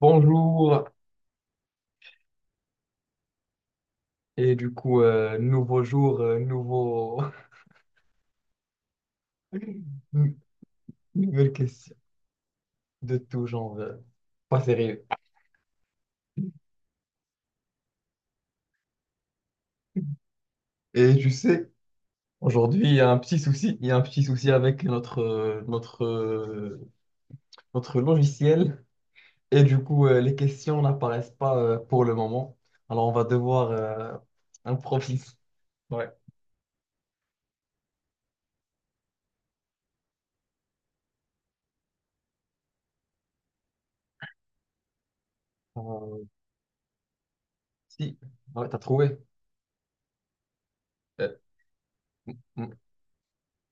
Bonjour, nouveau jour, nouveau... nou- nouvelle question de tout genre, pas sérieux. Et tu sais, aujourd'hui, il y a un petit souci, il y a un petit souci avec notre notre logiciel, les questions n'apparaissent pas pour le moment, alors on va devoir improviser. Ouais. Euh, si, ouais, t'as trouvé. Euh, m- m-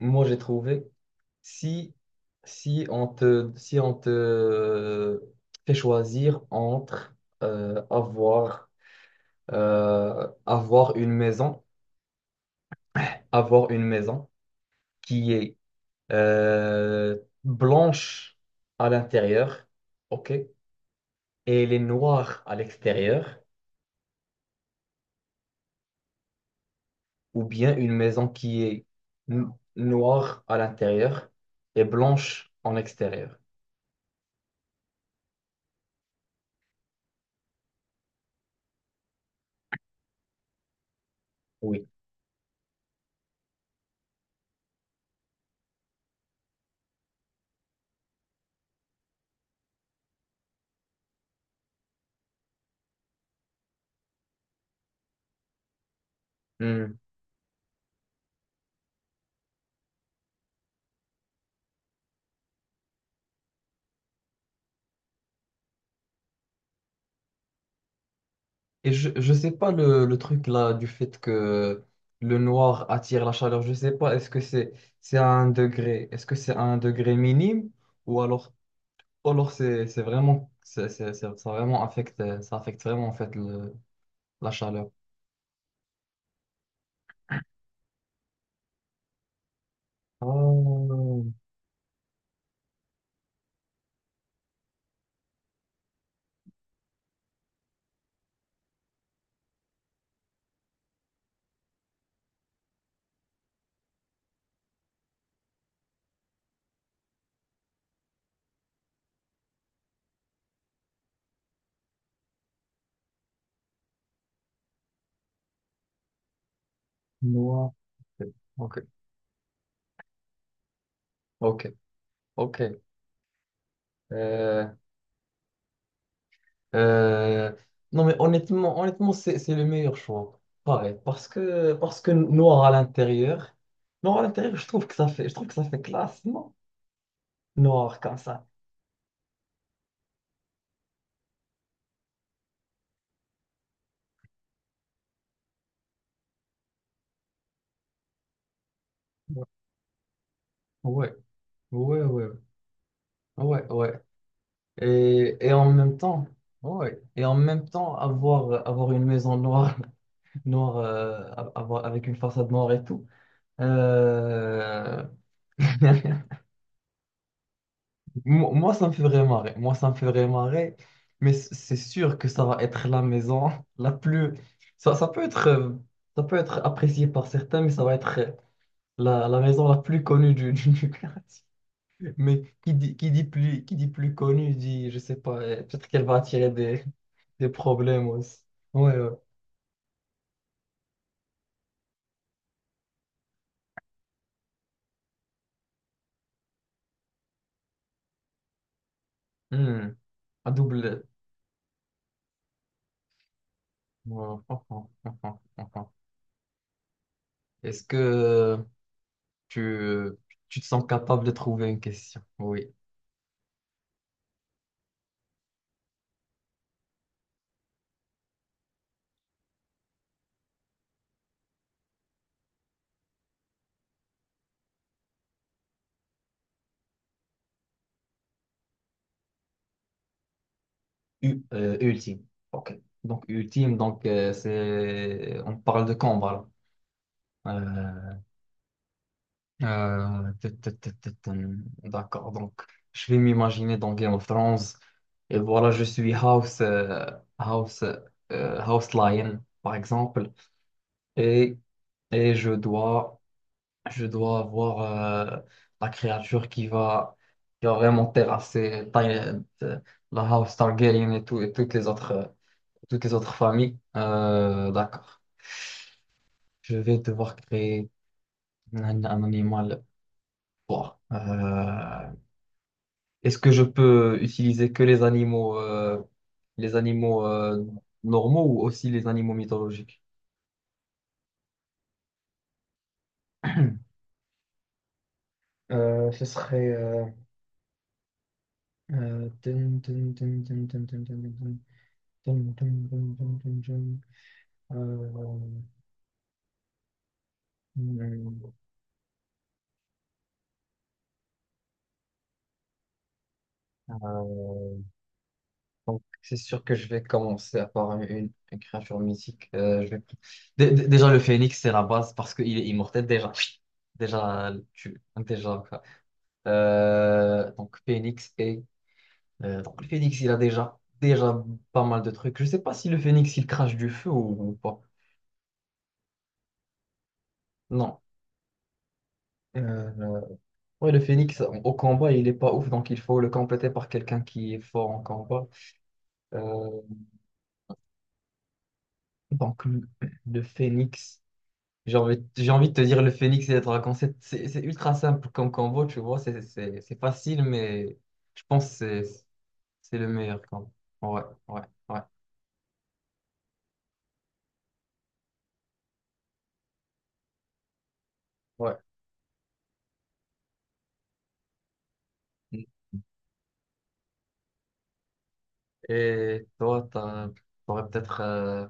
Moi, j'ai trouvé. Si, si on te fait choisir entre euh, avoir, euh, avoir une maison, avoir une maison qui est euh, blanche à l'intérieur, ok, et elle est noire à l'extérieur, ou bien une maison qui est noire à l'intérieur et blanche en extérieur. Oui. Hmm. Et je sais pas le truc là du fait que le noir attire la chaleur, je sais pas, est-ce que c'est à un degré, est-ce que c'est à un degré minime ou alors, ou alors c'est vraiment, ça vraiment affecte, ça affecte vraiment en fait la chaleur. Oh, noir. Ok, ok, ok. Euh, Euh, non, mais honnêtement, c'est le meilleur choix. Pareil, parce que noir à l'intérieur, je trouve que ça fait, je trouve que ça fait classe, non? Noir comme ça. Ouais, ouais, ouais, ouais, ouais. Et en même temps, ouais. Et en même temps, avoir une maison noire, noire, avoir, avec une façade noire et tout. euh, Moi, ça me fait vraiment marrer. Moi, ça me fait vraiment marrer. Mais c'est sûr que ça va être la maison la plus. Ça, ça peut être, euh, ça peut être apprécié par certains, mais ça va être la maison la plus connue du quartier. Mais qui dit plus connue dit, je sais pas, peut-être qu'elle va attirer des problèmes aussi. Ouais, ouais. Hmm. À double. Ouais. Est-ce que tu, tu te sens capable de trouver une question? Oui. Ultime. Ok. Donc ultime, donc c'est on parle de combat là. D'accord. Donc je vais m'imaginer dans Game of Thrones et voilà, je suis House House Lion par exemple et et je dois avoir euh, la créature qui va vraiment terrasser la House Targaryen et tout et toutes les autres, toutes les autres familles. D'accord. Je vais devoir créer un animal. Bon, est-ce que je peux utiliser que les animaux, les animaux euh, normaux ou aussi les animaux mythologiques? Ce serait. Dun, dun, dun, dun, dun, dun, dun, dun, dun, dun, dun, dun, dun, dun, dun. Euh, hmm, euh, Donc, c'est sûr que je vais commencer à par une créature mythique. Je vais- Dé- dé- Déjà, le phénix, c'est la base parce qu'il est immortel. Déjà, déjà, tu... déjà, quoi. Donc, phénix et, donc, le phénix, il a déjà, déjà pas mal de trucs. Je sais pas si le phénix, il crache du feu ou pas. Non. Euh, euh, ouais, le phénix, au combat, il est pas ouf. Donc, il faut le compléter par quelqu'un qui est fort en combat. Euh, donc, le le phénix. J'ai envie de te dire le phénix et le dragon. C'est ultra simple comme combo, tu vois. C'est facile, mais je pense que c'est le meilleur combo. Ouais, ouais, ouais, ouais. Et toi, t'aurais peut-être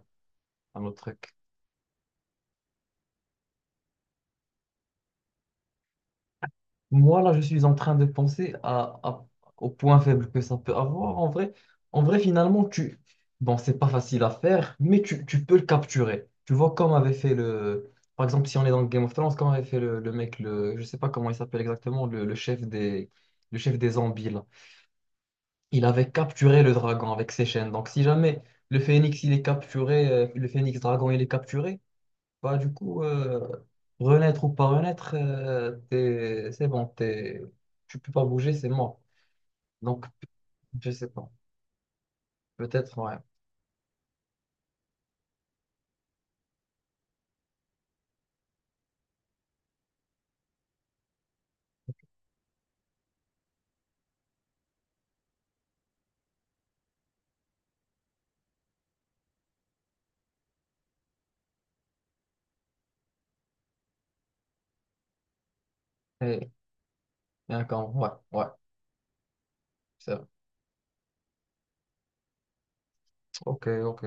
un autre truc. Moi, là, je suis en train de penser au point faible que ça peut avoir. En vrai, finalement, tu... Bon, c'est pas facile à faire, mais tu peux le capturer. Tu vois, comme avait fait le... Par exemple, si on est dans Game of Thrones, comme avait fait le mec, le... je sais pas comment il s'appelle exactement, le chef des zombies, là. Il avait capturé le dragon avec ses chaînes. Donc, si jamais le phénix, il est capturé, le phénix dragon, il est capturé, bah, renaître ou pas renaître, c'est bon, t'es, tu peux pas bouger, c'est mort. Donc, je sais pas. Peut-être, ouais. Et, et encore, ouais, ouais, c'est vrai. Ok, ok.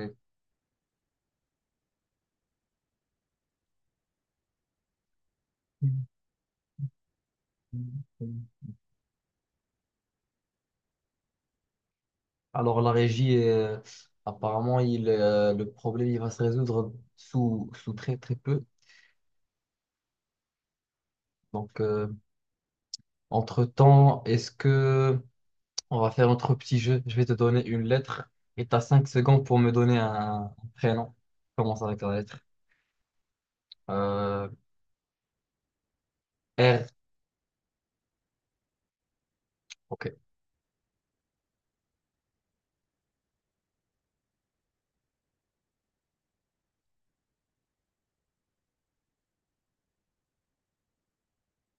Alors, la régie, apparemment, le problème, il va se résoudre sous, sous très, très peu. Donc, entre-temps, est-ce que on va faire notre petit jeu. Je vais te donner une lettre et tu as 5 secondes pour me donner un prénom. Commence avec la lettre. Euh, R. Ok.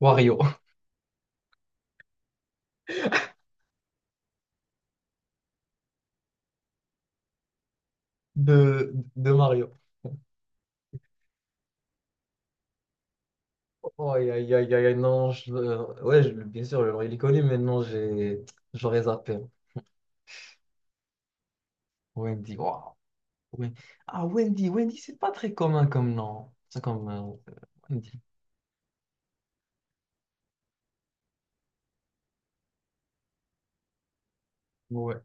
Wario. De Mario. Oh, aïe, aïe, aïe, aïe, aïe, non. Ouais, bien sûr, j'aurais les connu, mais non, j'ai, j'aurais zappé. Wendy, waouh. Wen- Ah, Wendy, Wendy, c'est pas très commun comme nom. C'est comme Wendy. Ouais,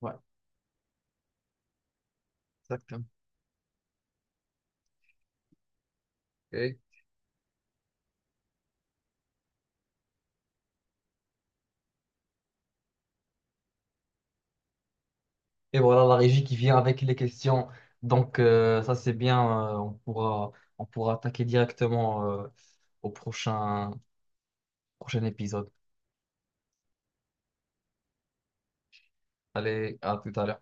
ouais, exactement. Et voilà la régie qui vient avec les questions. Donc ça c'est bien, on pourra attaquer directement au prochain, prochain épisode. Allez, à tout à l'heure.